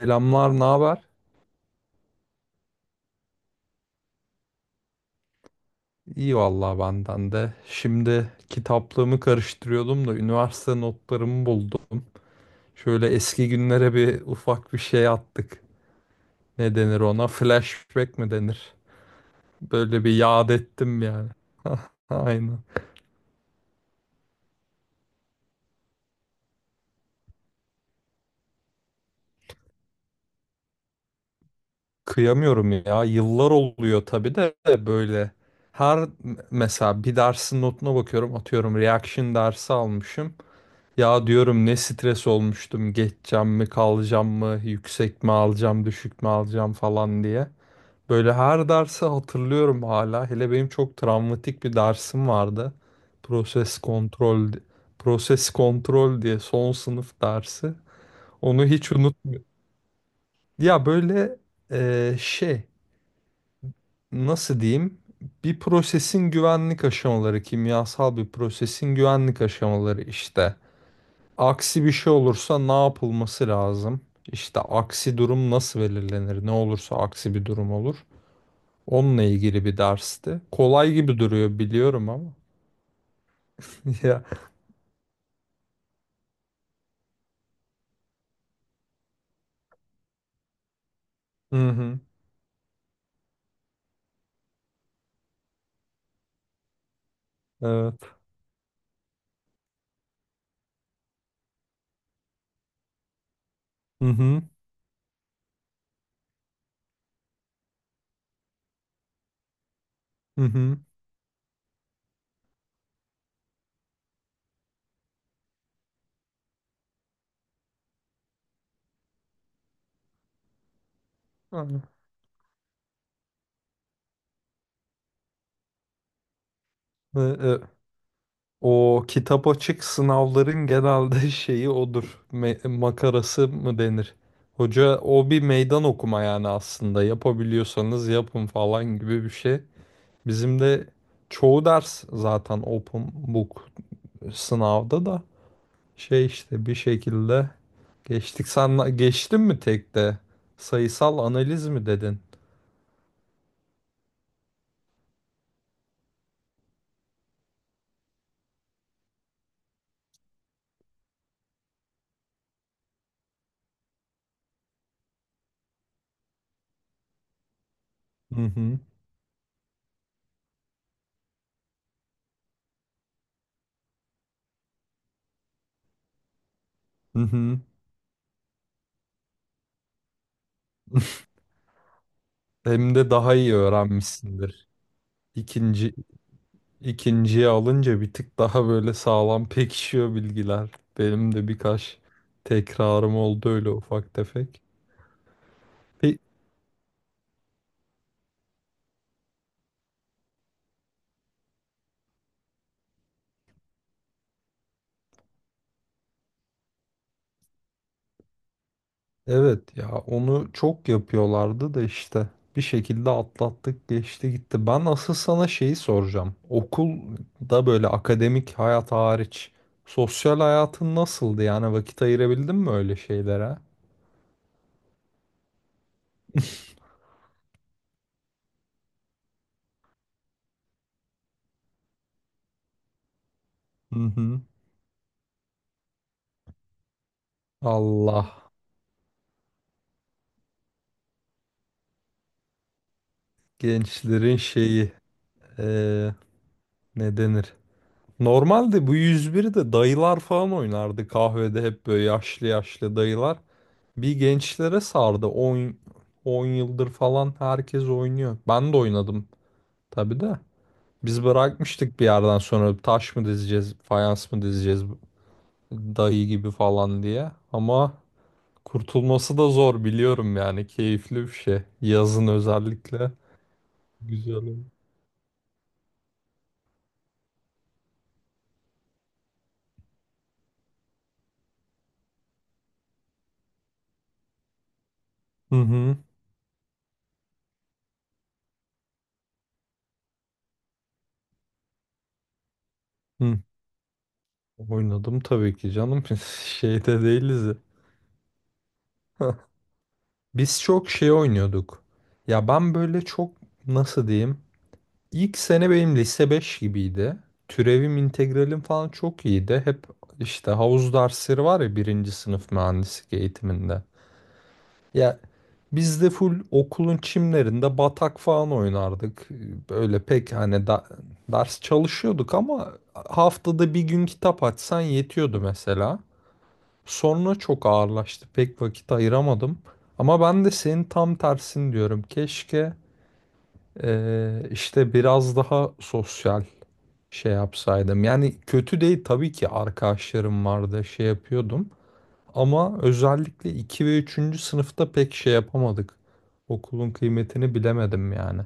Selamlar, ne haber? İyi vallahi benden de. Şimdi kitaplığımı karıştırıyordum da üniversite notlarımı buldum. Şöyle eski günlere bir ufak bir şey attık. Ne denir ona? Flashback mi denir? Böyle bir yad ettim yani. Aynen. Kıyamıyorum ya. Yıllar oluyor tabii de böyle. Her Mesela bir dersin notuna bakıyorum. Atıyorum reaction dersi almışım. Ya diyorum ne stres olmuştum. Geçeceğim mi, kalacağım mı, yüksek mi alacağım, düşük mü alacağım falan diye. Böyle her dersi hatırlıyorum hala. Hele benim çok travmatik bir dersim vardı. Proses kontrol, Proses kontrol diye son sınıf dersi. Onu hiç unutmuyorum. Ya böyle şey, nasıl diyeyim? Bir prosesin güvenlik aşamaları, kimyasal bir prosesin güvenlik aşamaları işte. Aksi bir şey olursa ne yapılması lazım? İşte aksi durum nasıl belirlenir? Ne olursa aksi bir durum olur. Onunla ilgili bir dersti. Kolay gibi duruyor biliyorum ama. Ya. Hı hı. Evet. Hı hı. Hı hı. Hı. Hı, hı. O kitap açık sınavların genelde şeyi odur. Makarası mı denir? Hoca o bir meydan okuma yani aslında. Yapabiliyorsanız yapın falan gibi bir şey. Bizim de çoğu ders zaten open book sınavda da şey işte bir şekilde geçtik. Sen geçtin mi tek de? Sayısal analiz mi dedin? Hı hı. Hı hı. Hem de daha iyi öğrenmişsindir. İkinci ikinciye alınca bir tık daha böyle sağlam pekişiyor bilgiler. Benim de birkaç tekrarım oldu öyle ufak tefek. Pe- Evet ya, onu çok yapıyorlardı da işte bir şekilde atlattık, geçti gitti. Ben asıl sana şeyi soracağım. Okulda böyle akademik hayat hariç sosyal hayatın nasıldı, yani vakit ayırabildin mi öyle şeylere? Hı hı. Allah gençlerin şeyi, eee, ne denir? Normalde bu 101'i de dayılar falan oynardı kahvede, hep böyle yaşlı yaşlı dayılar. Bir gençlere sardı. 10 yıldır falan herkes oynuyor. Ben de oynadım tabii de. Biz bırakmıştık bir yerden sonra, taş mı dizeceğiz, fayans mı dizeceğiz dayı gibi falan diye. Ama kurtulması da zor biliyorum yani. Keyifli bir şey. Yazın özellikle. Güzel oluyor. Hı hı. Hı. Oynadım tabii ki canım. Biz şeyde değiliz. Biz çok şey oynuyorduk. Ya ben böyle çok, nasıl diyeyim? İlk sene benim lise 5 gibiydi. Türevim, integralim falan çok iyiydi. Hep işte havuz dersleri var ya birinci sınıf mühendislik eğitiminde. Ya biz de full okulun çimlerinde batak falan oynardık. Böyle pek hani ders çalışıyorduk ama haftada bir gün kitap açsan yetiyordu mesela. Sonra çok ağırlaştı. Pek vakit ayıramadım. Ama ben de senin tam tersin diyorum. Keşke işte biraz daha sosyal şey yapsaydım. Yani kötü değil tabii ki, arkadaşlarım vardı, şey yapıyordum. Ama özellikle 2 ve üçüncü sınıfta pek şey yapamadık. Okulun kıymetini bilemedim yani.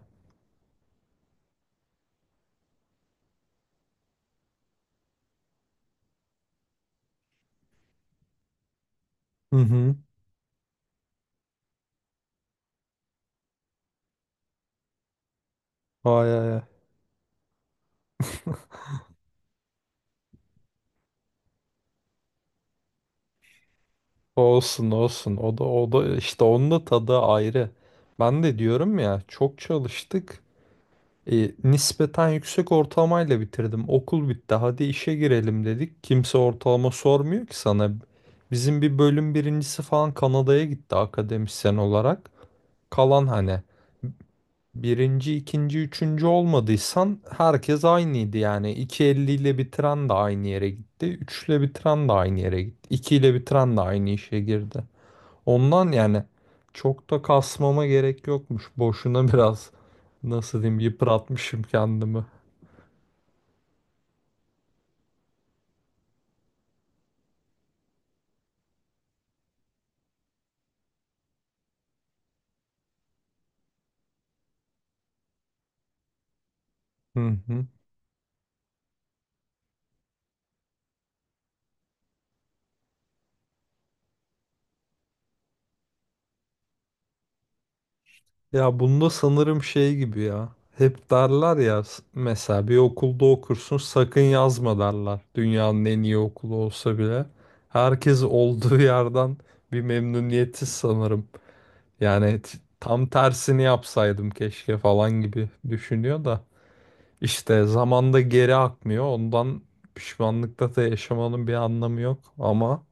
Hı hı. Ay, ay, ay. Olsun olsun. O da, o da işte, onun da tadı ayrı. Ben de diyorum ya, çok çalıştık. E, nispeten yüksek ortalamayla bitirdim. Okul bitti. Hadi işe girelim dedik. Kimse ortalama sormuyor ki sana. Bizim bir bölüm birincisi falan Kanada'ya gitti akademisyen olarak. Kalan hani birinci, ikinci, üçüncü olmadıysan herkes aynıydı yani. İki elli ile bitiren de aynı yere gitti. 3 ile bitiren de aynı yere gitti. 2 ile bitiren de aynı işe girdi. Ondan yani çok da kasmama gerek yokmuş. Boşuna biraz, nasıl diyeyim, yıpratmışım kendimi. Hı hı. Ya bunda sanırım şey gibi ya. Hep derler ya, mesela bir okulda okursun sakın yazma derler. Dünyanın en iyi okulu olsa bile. Herkes olduğu yerden bir memnuniyetsiz sanırım. Yani tam tersini yapsaydım keşke falan gibi düşünüyor da. İşte zamanda geri akmıyor. Ondan pişmanlıkta da yaşamanın bir anlamı yok. Ama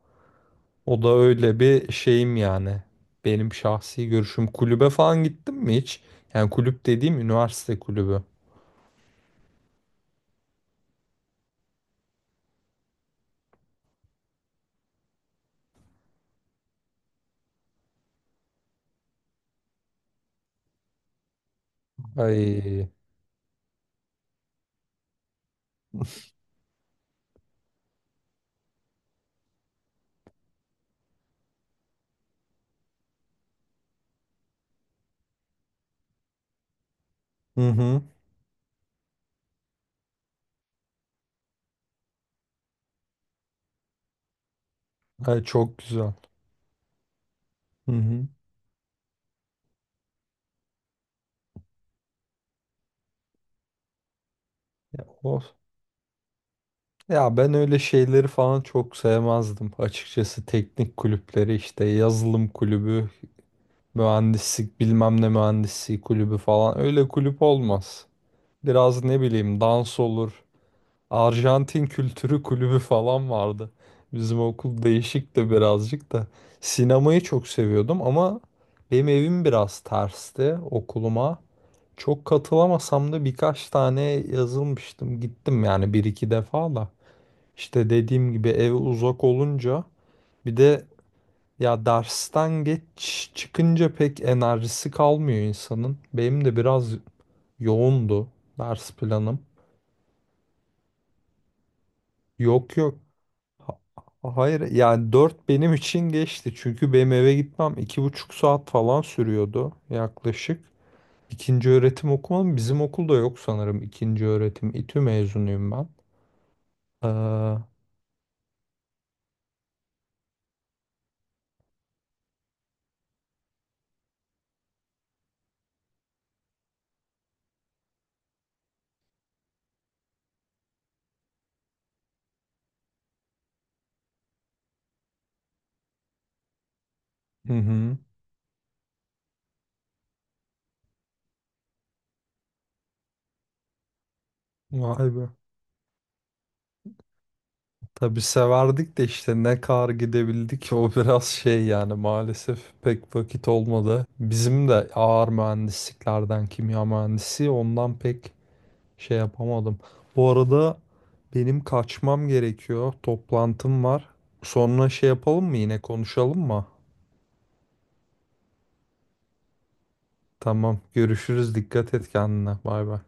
o da öyle bir şeyim yani. Benim şahsi görüşüm. Kulübe falan gittim mi hiç? Yani kulüp dediğim üniversite kulübü. Ay. Hı hı. Ay, çok güzel. Hı hı. Ya, ya ben öyle şeyleri falan çok sevmezdim. Açıkçası teknik kulüpleri, işte yazılım kulübü, mühendislik bilmem ne mühendisliği kulübü falan, öyle kulüp olmaz. Biraz ne bileyim dans olur. Arjantin Kültürü Kulübü falan vardı. Bizim okul değişikti birazcık da. Sinemayı çok seviyordum ama benim evim biraz tersti okuluma. Çok katılamasam da birkaç tane yazılmıştım. Gittim yani bir iki defa da. İşte dediğim gibi ev uzak olunca, bir de ya dersten geç çıkınca pek enerjisi kalmıyor insanın. Benim de biraz yoğundu ders planım. Yok yok. Ha- Hayır, yani 4 benim için geçti. Çünkü benim eve gitmem iki buçuk saat falan sürüyordu yaklaşık. İkinci öğretim okumadım. Bizim okulda yok sanırım ikinci öğretim. İTÜ mezunuyum ben. Ee, hı hı. Vay be. Tabii severdik de işte ne kadar gidebildik o, biraz şey yani, maalesef pek vakit olmadı. Bizim de ağır mühendisliklerden, kimya mühendisi, ondan pek şey yapamadım. Bu arada benim kaçmam gerekiyor. Toplantım var. Sonra şey yapalım mı, yine konuşalım mı? Tamam, görüşürüz. Dikkat et kendine. Bay bay.